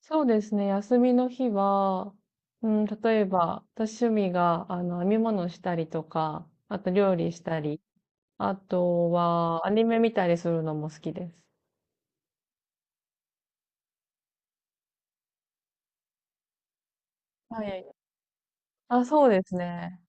そうですね。休みの日は、うん、例えば、私趣味が、編み物したりとか、あと料理したり、あとは、アニメ見たりするのも好きです。はい。あ、そうですね。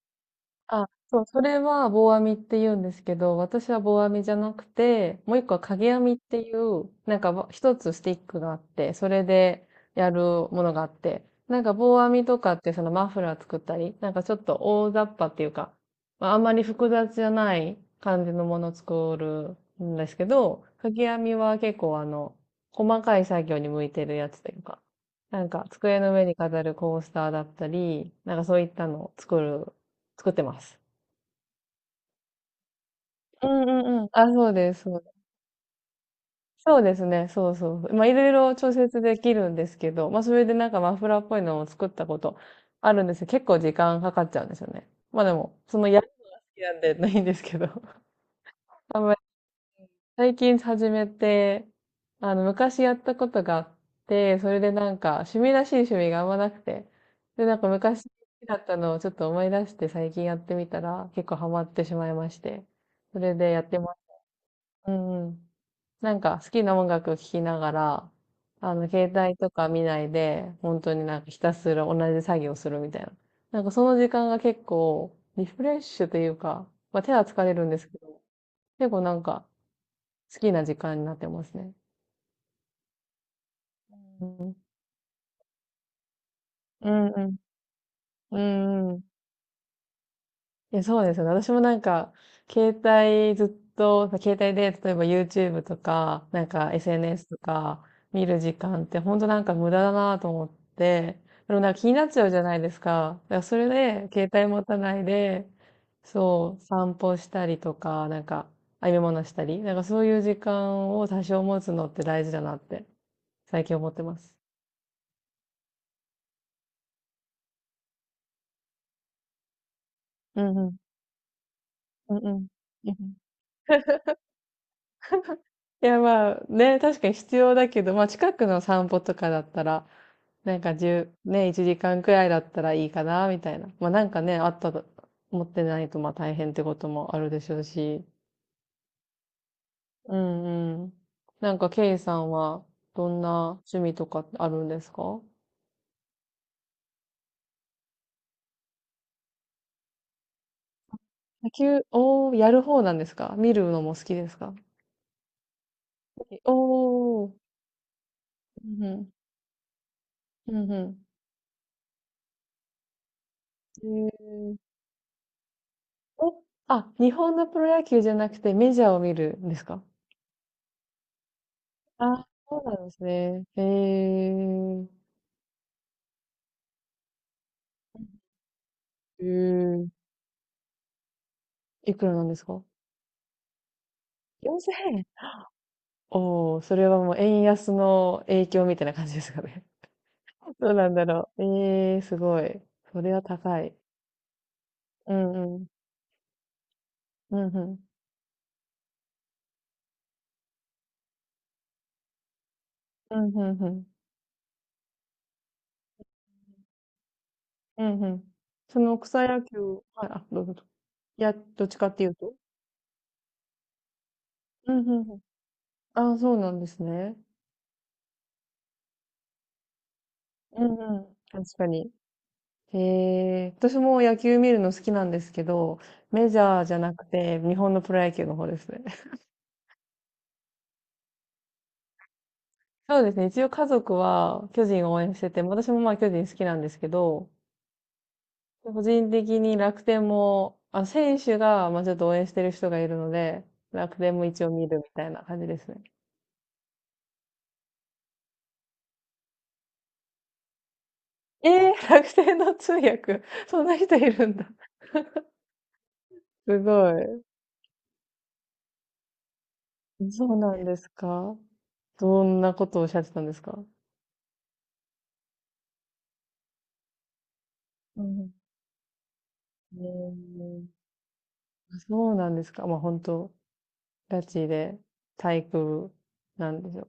あ、そう、それは棒編みって言うんですけど、私は棒編みじゃなくて、もう一個は影編みっていう、なんかわ一つスティックがあって、それでやるものがあって、なんか棒編みとかってそのマフラー作ったり、なんかちょっと大雑把っていうか、まあ、あんまり複雑じゃない感じのものを作るんですけど、影編みは結構細かい作業に向いてるやつというか、なんか机の上に飾るコースターだったり、なんかそういったのを作る作ってます。うんうんうん。あ、そうです、そうです。そうですね、そうそう。まあ、いろいろ調節できるんですけど、まあ、それでなんかマフラーっぽいのを作ったことあるんですけど、結構時間かかっちゃうんですよね。まあでも、そのやるのが好きなんで ないんですけど。あんまり最近始めて、昔やったことがあって、それでなんか、趣味らしい趣味があんまなくて、で、なんか昔好きだったのをちょっと思い出して最近やってみたら、結構ハマってしまいまして、それでやってます。うんうん。なんか好きな音楽聴きながら、携帯とか見ないで、本当になんかひたすら同じ作業するみたいな。なんかその時間が結構リフレッシュというか、まあ手は疲れるんですけど、結構なんか好きな時間になってますね。うん。うんうん。うんうん。え、そうですよね。私もなんか、携帯ずっと、携帯で、例えば YouTube とか、なんか SNS とか見る時間って本当なんか無駄だなと思って、でもなんか気になっちゃうじゃないですか。だからそれで、携帯持たないで、そう、散歩したりとか、なんか、編み物したり、なんかそういう時間を多少持つのって大事だなって、最近思ってます。うんうん。うんうん。うんうん。いや、まあ、ね、確かに必要だけど、まあ、近くの散歩とかだったら、なんか1ね、1時間くらいだったらいいかな、みたいな。まあ、なんかね、あったと、持ってないと、まあ、大変ってこともあるでしょうし。うんうん。なんか、ケイさんは、どんな趣味とかあるんですか？野球、おー、やる方なんですか？見るのも好きですか？おー、うんうん、うんうん。あ、日本のプロ野球じゃなくてメジャーを見るんですか？あ、そうなんですね。へえ。ええ。いくらなんですか？ 4,000 円。おお、それはもう円安の影響みたいな感じですかね。どうなんだろう。ええ、すごい。それは高い。うんうん。うんうん。うんうんうん。うんうん。その草野球、はい、あ、どうぞ。いや、どっちかっていうと。うんうんうん。ああ、そうなんですね。うんうん。確かに。へえ、私も野球見るの好きなんですけど、メジャーじゃなくて、日本のプロ野球の方ですね。そうですね。一応家族は巨人を応援してて、私もまあ巨人好きなんですけど、個人的に楽天も、あ、選手がまあちょっと応援してる人がいるので、楽天も一応見るみたいな感じですね。えー、楽天の通訳、そんな人いるんだ。すごい。そうなんですか？どんなことをおっしゃってたんですか？うん。えー、そうなんですか。まあ、本当ガチで体育なんですよ。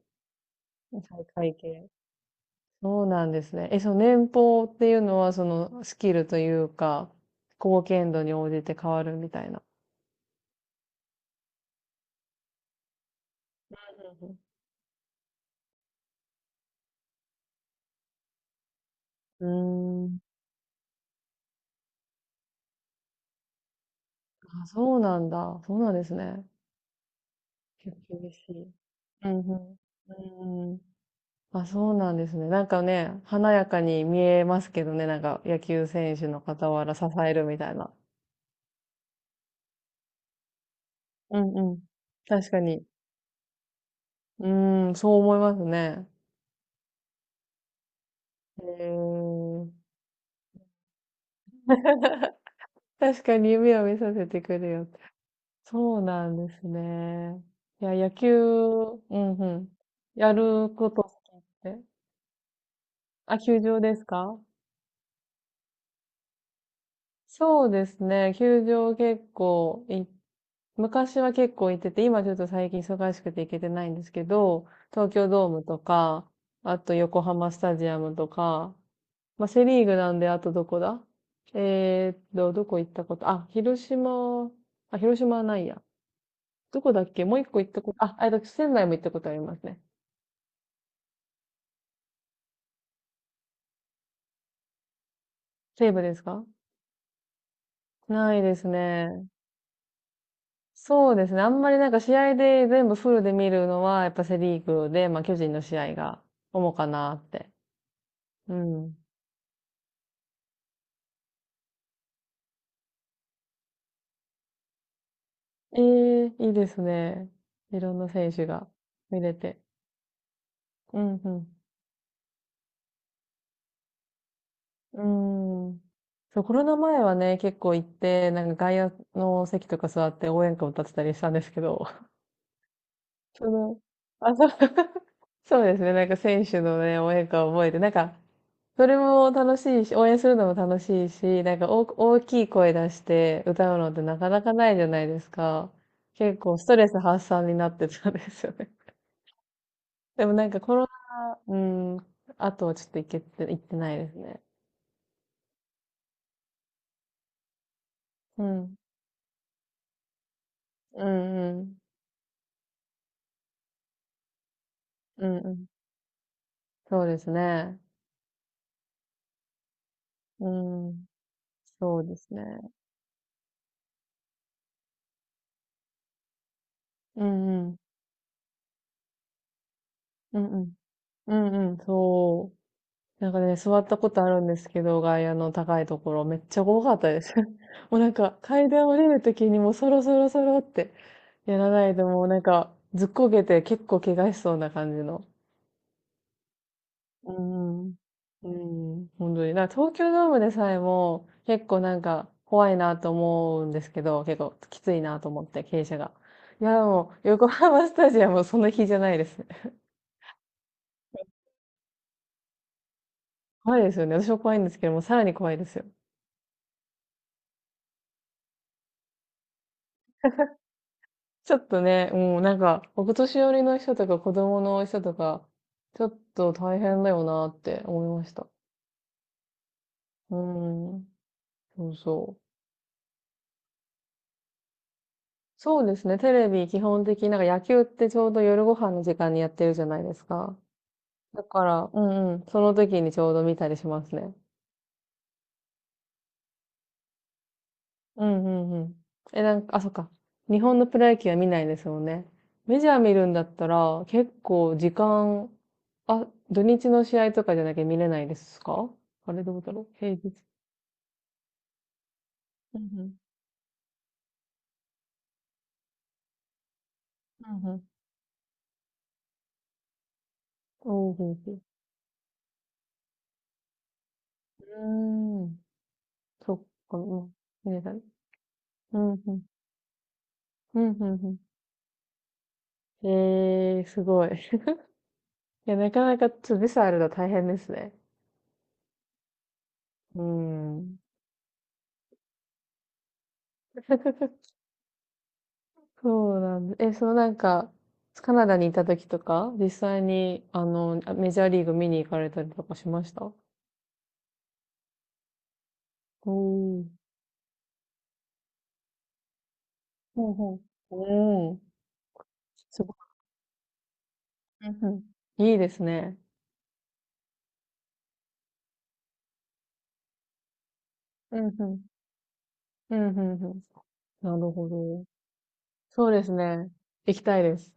体会系。そうなんですね。え、その年俸っていうのは、そのスキルというか、貢献度に応じて変わるみたいな。うん、うん。うーん。あ、そうなんだ。そうなんですね。結構厳しい。うんうん。うんうん。あ、そうなんですね。なんかね、華やかに見えますけどね、なんか野球選手の傍ら支えるみたいな。うんうん。確かに。うーん、そう思いますね。へえー。確かに夢を見させてくれよって。そうなんですね。いや、野球、うんうん。やること好きって。あ、球場ですか？そうですね。球場結構い、昔は結構行ってて、今ちょっと最近忙しくて行けてないんですけど、東京ドームとか、あと横浜スタジアムとか、まあ、セリーグなんで、あとどこだ？えーっと、どこ行ったことあ、広島、あ、広島はないや。どこだっけもう一個行ったこと、あ、あ、仙台も行ったことありますね。西武ですか？ないですね。そうですね。あんまりなんか試合で全部フルで見るのは、やっぱセリーグで、まあ、巨人の試合が主かなって。うん。ええ、いいですね。いろんな選手が見れて。うん、うん。うーん。そう、コロナ前はね、結構行って、なんか外野の席とか座って応援歌歌ってたりしたんですけど、その、あ、そう、そうですね、なんか選手のね、応援歌を覚えて、なんか、それも楽しいし、応援するのも楽しいし、なんか大、大きい声出して歌うのってなかなかないじゃないですか。結構ストレス発散になってたんですよね。でもなんかコロナ、うん、あとはちょっと行けて、行ってないですね。うん。うんうん。うんうん。そうですね。うん。そうですね。うんうん。うんうん。うんうん。そう。なんかね、座ったことあるんですけど、外野の高いところ、めっちゃ怖かったです。もうなんか、階段降りるときにもうそろそろそろってやらないともうなんか、ずっこけて結構怪我しそうな感じの。うーん。うーん、本当になんか東京ドームでさえも、結構なんか、怖いなと思うんですけど、結構きついなと思って、傾斜が。いや、でも、横浜スタジアムはそんなじゃないですね。怖いですよね。私も怖いんですけども、さらに怖いですよ。ちょっとね、もうんなんか、お年寄りの人とか子供の人とか、ちょっと大変だよなって思いました。うーん。そうそう。そうですね、テレビ基本的になんか野球ってちょうど夜ご飯の時間にやってるじゃないですか。だから、うんうん、その時にちょうど見たりしますね。うんうんうん。え、なんか、あ、そっか。日本のプロ野球は見ないですもんね。メジャー見るんだったら、結構時間、あ、土日の試合とかじゃなきゃ見れないですか？あれどうだろう平日。うんうん。うんうん。おうほうほう。うーん。そっか、うん。見れたね。うんうん。うんうんうん。えー、すごい。いや、なかなかちょっとビザあるの大変ですね。うん。そうなんです。え、そのなんか、カナダにいた時とか、実際に、メジャーリーグ見に行かれたりとかしました？おー。ほうほう。おー。すごい。うんうん。いいですね。うんうん。うんうんうん。なるほど。そうですね。行きたいです。